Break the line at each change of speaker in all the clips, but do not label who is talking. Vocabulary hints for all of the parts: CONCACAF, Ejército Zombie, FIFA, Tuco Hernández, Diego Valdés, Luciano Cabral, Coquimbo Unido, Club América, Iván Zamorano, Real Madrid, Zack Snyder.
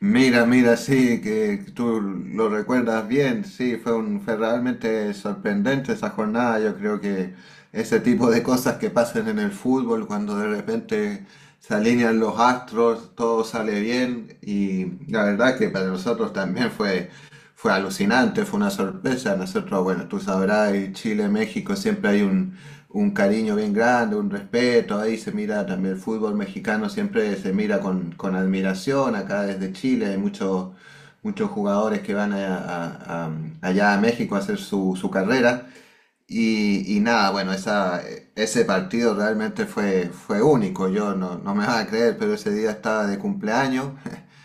Mira, sí, que tú lo recuerdas bien, sí, fue realmente sorprendente esa jornada. Yo creo que ese tipo de cosas que pasan en el fútbol, cuando de repente se alinean los astros, todo sale bien, y la verdad que para nosotros también fue alucinante, fue una sorpresa. Nosotros, bueno, tú sabrás, en Chile, México, un cariño bien grande, un respeto. Ahí se mira también el fútbol mexicano, siempre se mira con admiración. Acá desde Chile hay muchos, muchos jugadores que van a- allá a México a hacer su carrera. Y nada, bueno, ese partido realmente fue único. Yo no, No me vas a creer, pero ese día estaba de cumpleaños.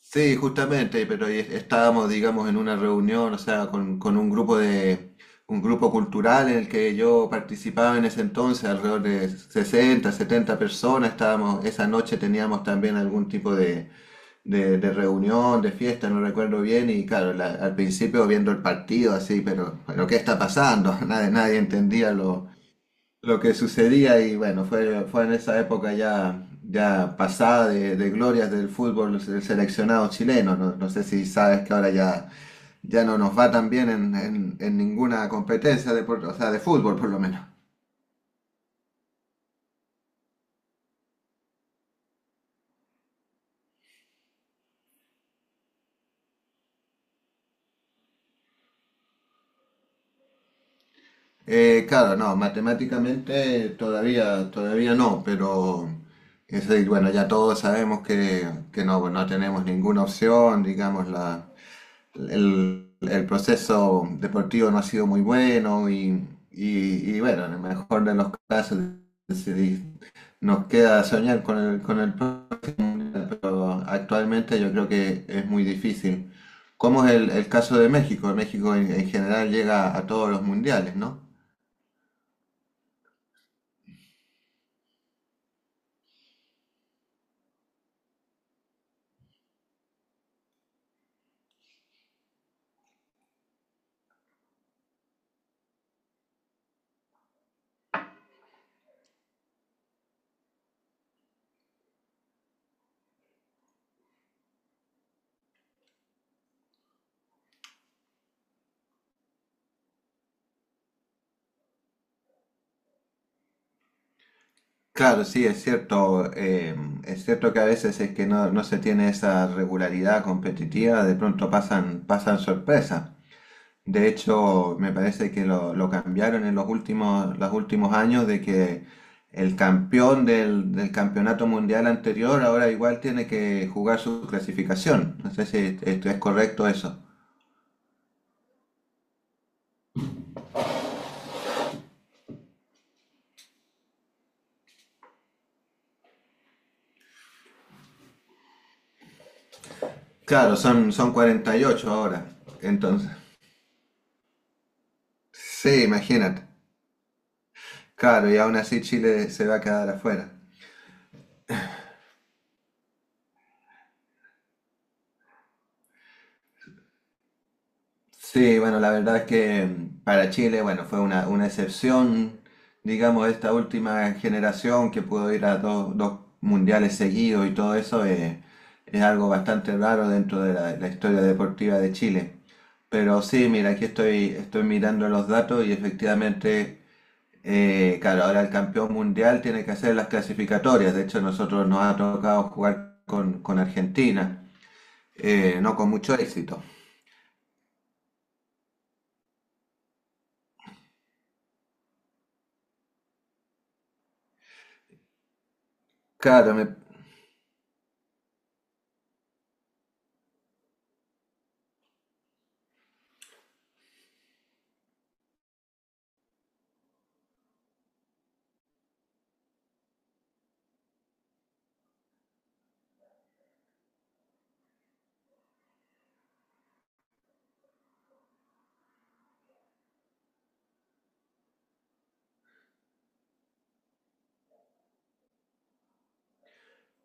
Sí, justamente, pero ahí estábamos, digamos, en una reunión, o sea, con un grupo cultural en el que yo participaba en ese entonces, alrededor de 60 70 personas, estábamos, esa noche teníamos también algún tipo de reunión, de fiesta, no recuerdo bien, y claro, al principio viendo el partido así, pero ¿qué está pasando? Nadie, nadie entendía lo que sucedía y bueno, fue en esa época ya, ya pasada de glorias del fútbol del seleccionado chileno. No sé si sabes que ahora ya, ya no nos va tan bien en, en ninguna competencia, de, o sea, de fútbol por lo menos. Claro, no, matemáticamente todavía, todavía no, pero es decir, bueno, ya todos sabemos que, no tenemos ninguna opción, digamos, el proceso deportivo no ha sido muy bueno y bueno, en el mejor de los casos decidí- nos queda soñar con el próximo mundial, pero actualmente yo creo que es muy difícil. Como es el caso de México? México en general llega a todos los mundiales, ¿no? Claro, sí, es cierto. Es cierto que a veces es que no, no se tiene esa regularidad competitiva, de pronto pasan sorpresas. De hecho, me parece que lo cambiaron en los últimos años de que el campeón del campeonato mundial anterior ahora igual tiene que jugar su clasificación. No sé si esto es correcto eso. Claro, son 48 ahora. Entonces, sí, imagínate. Claro, y aún así Chile se va a quedar afuera. Sí, bueno, la verdad es que para Chile, bueno, fue una excepción, digamos, esta última generación que pudo ir a dos mundiales seguidos y todo eso, es algo bastante raro dentro de la historia deportiva de Chile. Pero sí, mira, aquí estoy mirando los datos y efectivamente, claro, ahora el campeón mundial tiene que hacer las clasificatorias. De hecho, nosotros nos ha tocado jugar con Argentina, no con mucho éxito. Claro, me-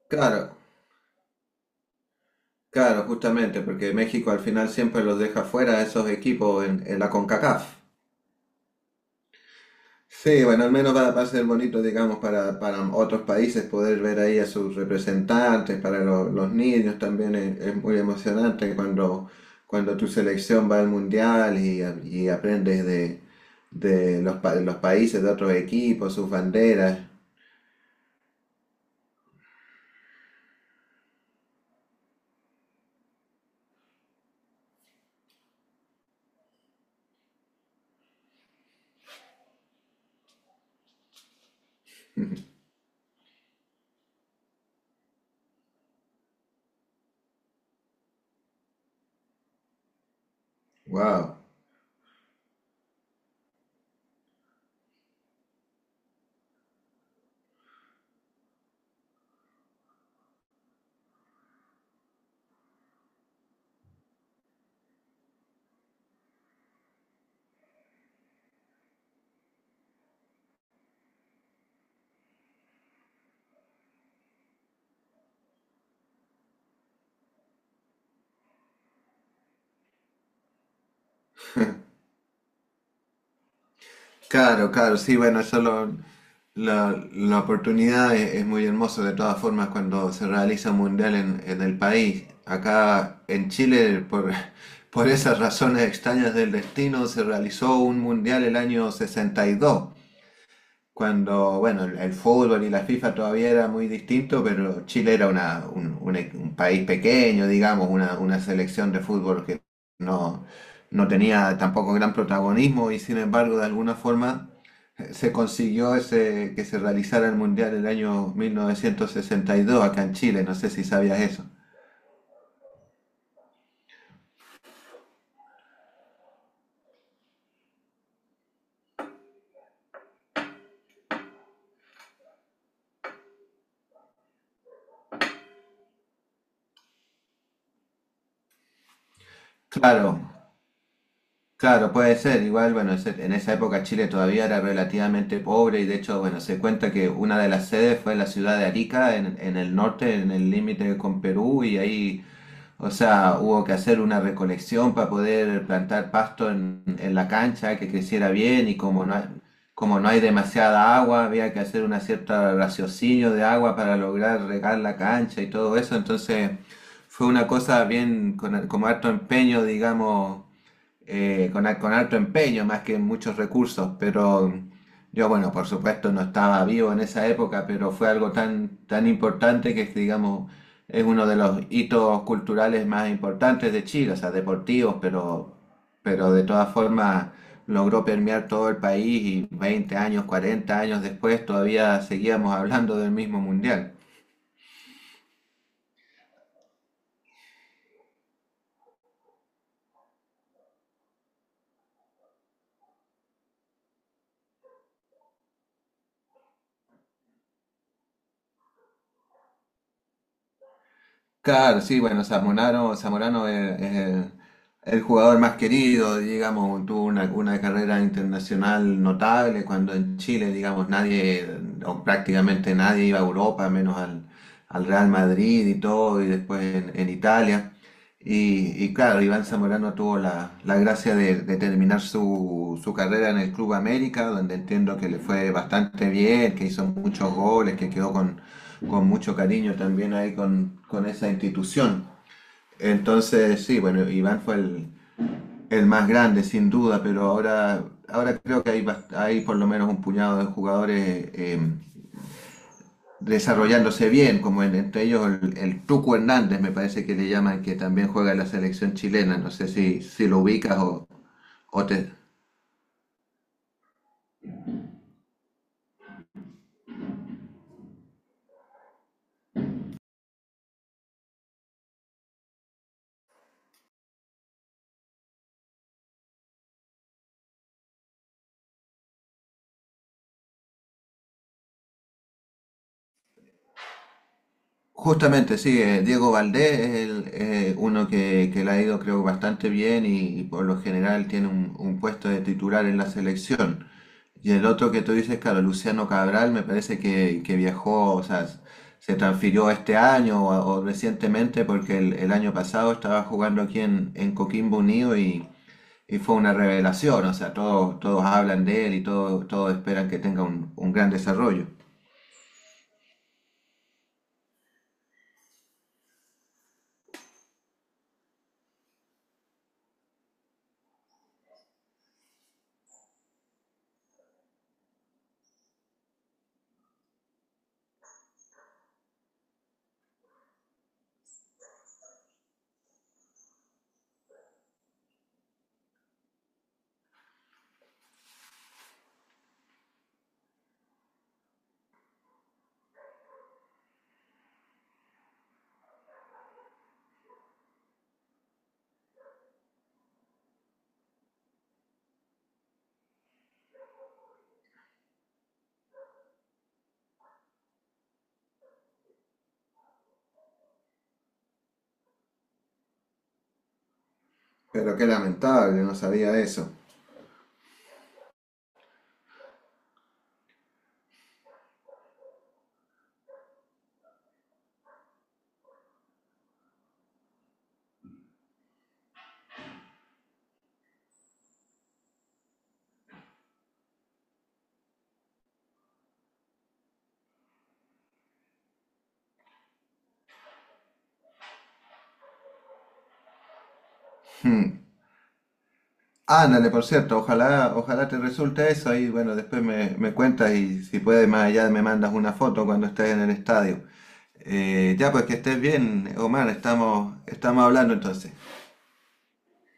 claro. Claro, justamente, porque México al final siempre los deja fuera a esos equipos en la CONCACAF. Sí, bueno, al menos va a ser bonito, digamos, para otros países poder ver ahí a sus representantes, para los niños también es muy emocionante cuando, cuando tu selección va al mundial y aprendes de los, los países, de otros equipos, sus banderas. ¡Wow! Claro, claro, sí, bueno, la oportunidad es muy hermosa de todas formas cuando se realiza un mundial en el país. Acá en Chile, por esas razones extrañas del destino, se realizó un mundial el año 62. Cuando, bueno, el fútbol y la FIFA todavía era muy distinto, pero Chile era una, un e- un país pequeño, digamos, una selección de fútbol que no, no tenía tampoco gran protagonismo y sin embargo, de alguna forma, se consiguió ese, que se realizara el Mundial el año 1962 acá en Chile. No sé si sabías eso. Claro, claro, puede ser. Igual, bueno, en esa época Chile todavía era relativamente pobre y de hecho, bueno, se cuenta que una de las sedes fue en la ciudad de Arica, en el norte, en el límite con Perú y ahí, o sea, hubo que hacer una recolección para poder plantar pasto en la cancha, que creciera bien y como no hay demasiada agua, había que hacer una cierta raciocinio de agua para lograr regar la cancha y todo eso. Entonces, fue una cosa bien con harto empeño, digamos, con alto empeño más que muchos recursos, pero mm, yo, bueno, por supuesto no estaba vivo en esa época, pero fue algo tan, tan importante que, digamos, es uno de los hitos culturales más importantes de Chile, o sea, deportivos, pero de todas formas logró permear todo el país y 20 años, 40 años después todavía seguíamos hablando del mismo mundial. Claro, sí, bueno, Zamorano es el jugador más querido, digamos, tuvo una carrera internacional notable cuando en Chile, digamos, nadie, o prácticamente nadie iba a Europa, menos al Real Madrid y todo, y después en Italia. Y claro, Iván Zamorano tuvo la gracia de terminar su carrera en el Club América, donde entiendo que le fue bastante bien, que hizo muchos goles, que quedó con mucho cariño también ahí con esa institución. Entonces, sí, bueno, Iván fue el más grande sin duda, pero ahora, ahora creo que hay por lo menos un puñado de jugadores, desarrollándose bien, como entre ellos el Tuco Hernández, me parece que le llaman, que también juega en la selección chilena. No sé si, si lo ubicas o te... Justamente, sí, Diego Valdés es el, uno que le ha ido creo bastante bien y por lo general tiene un puesto de titular en la selección. Y el otro que tú dices, claro, Luciano Cabral, me parece que viajó, o sea, se transfirió este año o recientemente porque el año pasado estaba jugando aquí en Coquimbo Unido y fue una revelación, o sea, todos, todos hablan de él y todos, todos esperan que tenga un gran desarrollo. Pero qué lamentable, no sabía eso. Ándale, por cierto, ojalá, ojalá te resulte eso y bueno, después me, me cuentas y si puedes más allá me mandas una foto cuando estés en el estadio. Ya, pues que estés bien, Omar, estamos, estamos hablando entonces.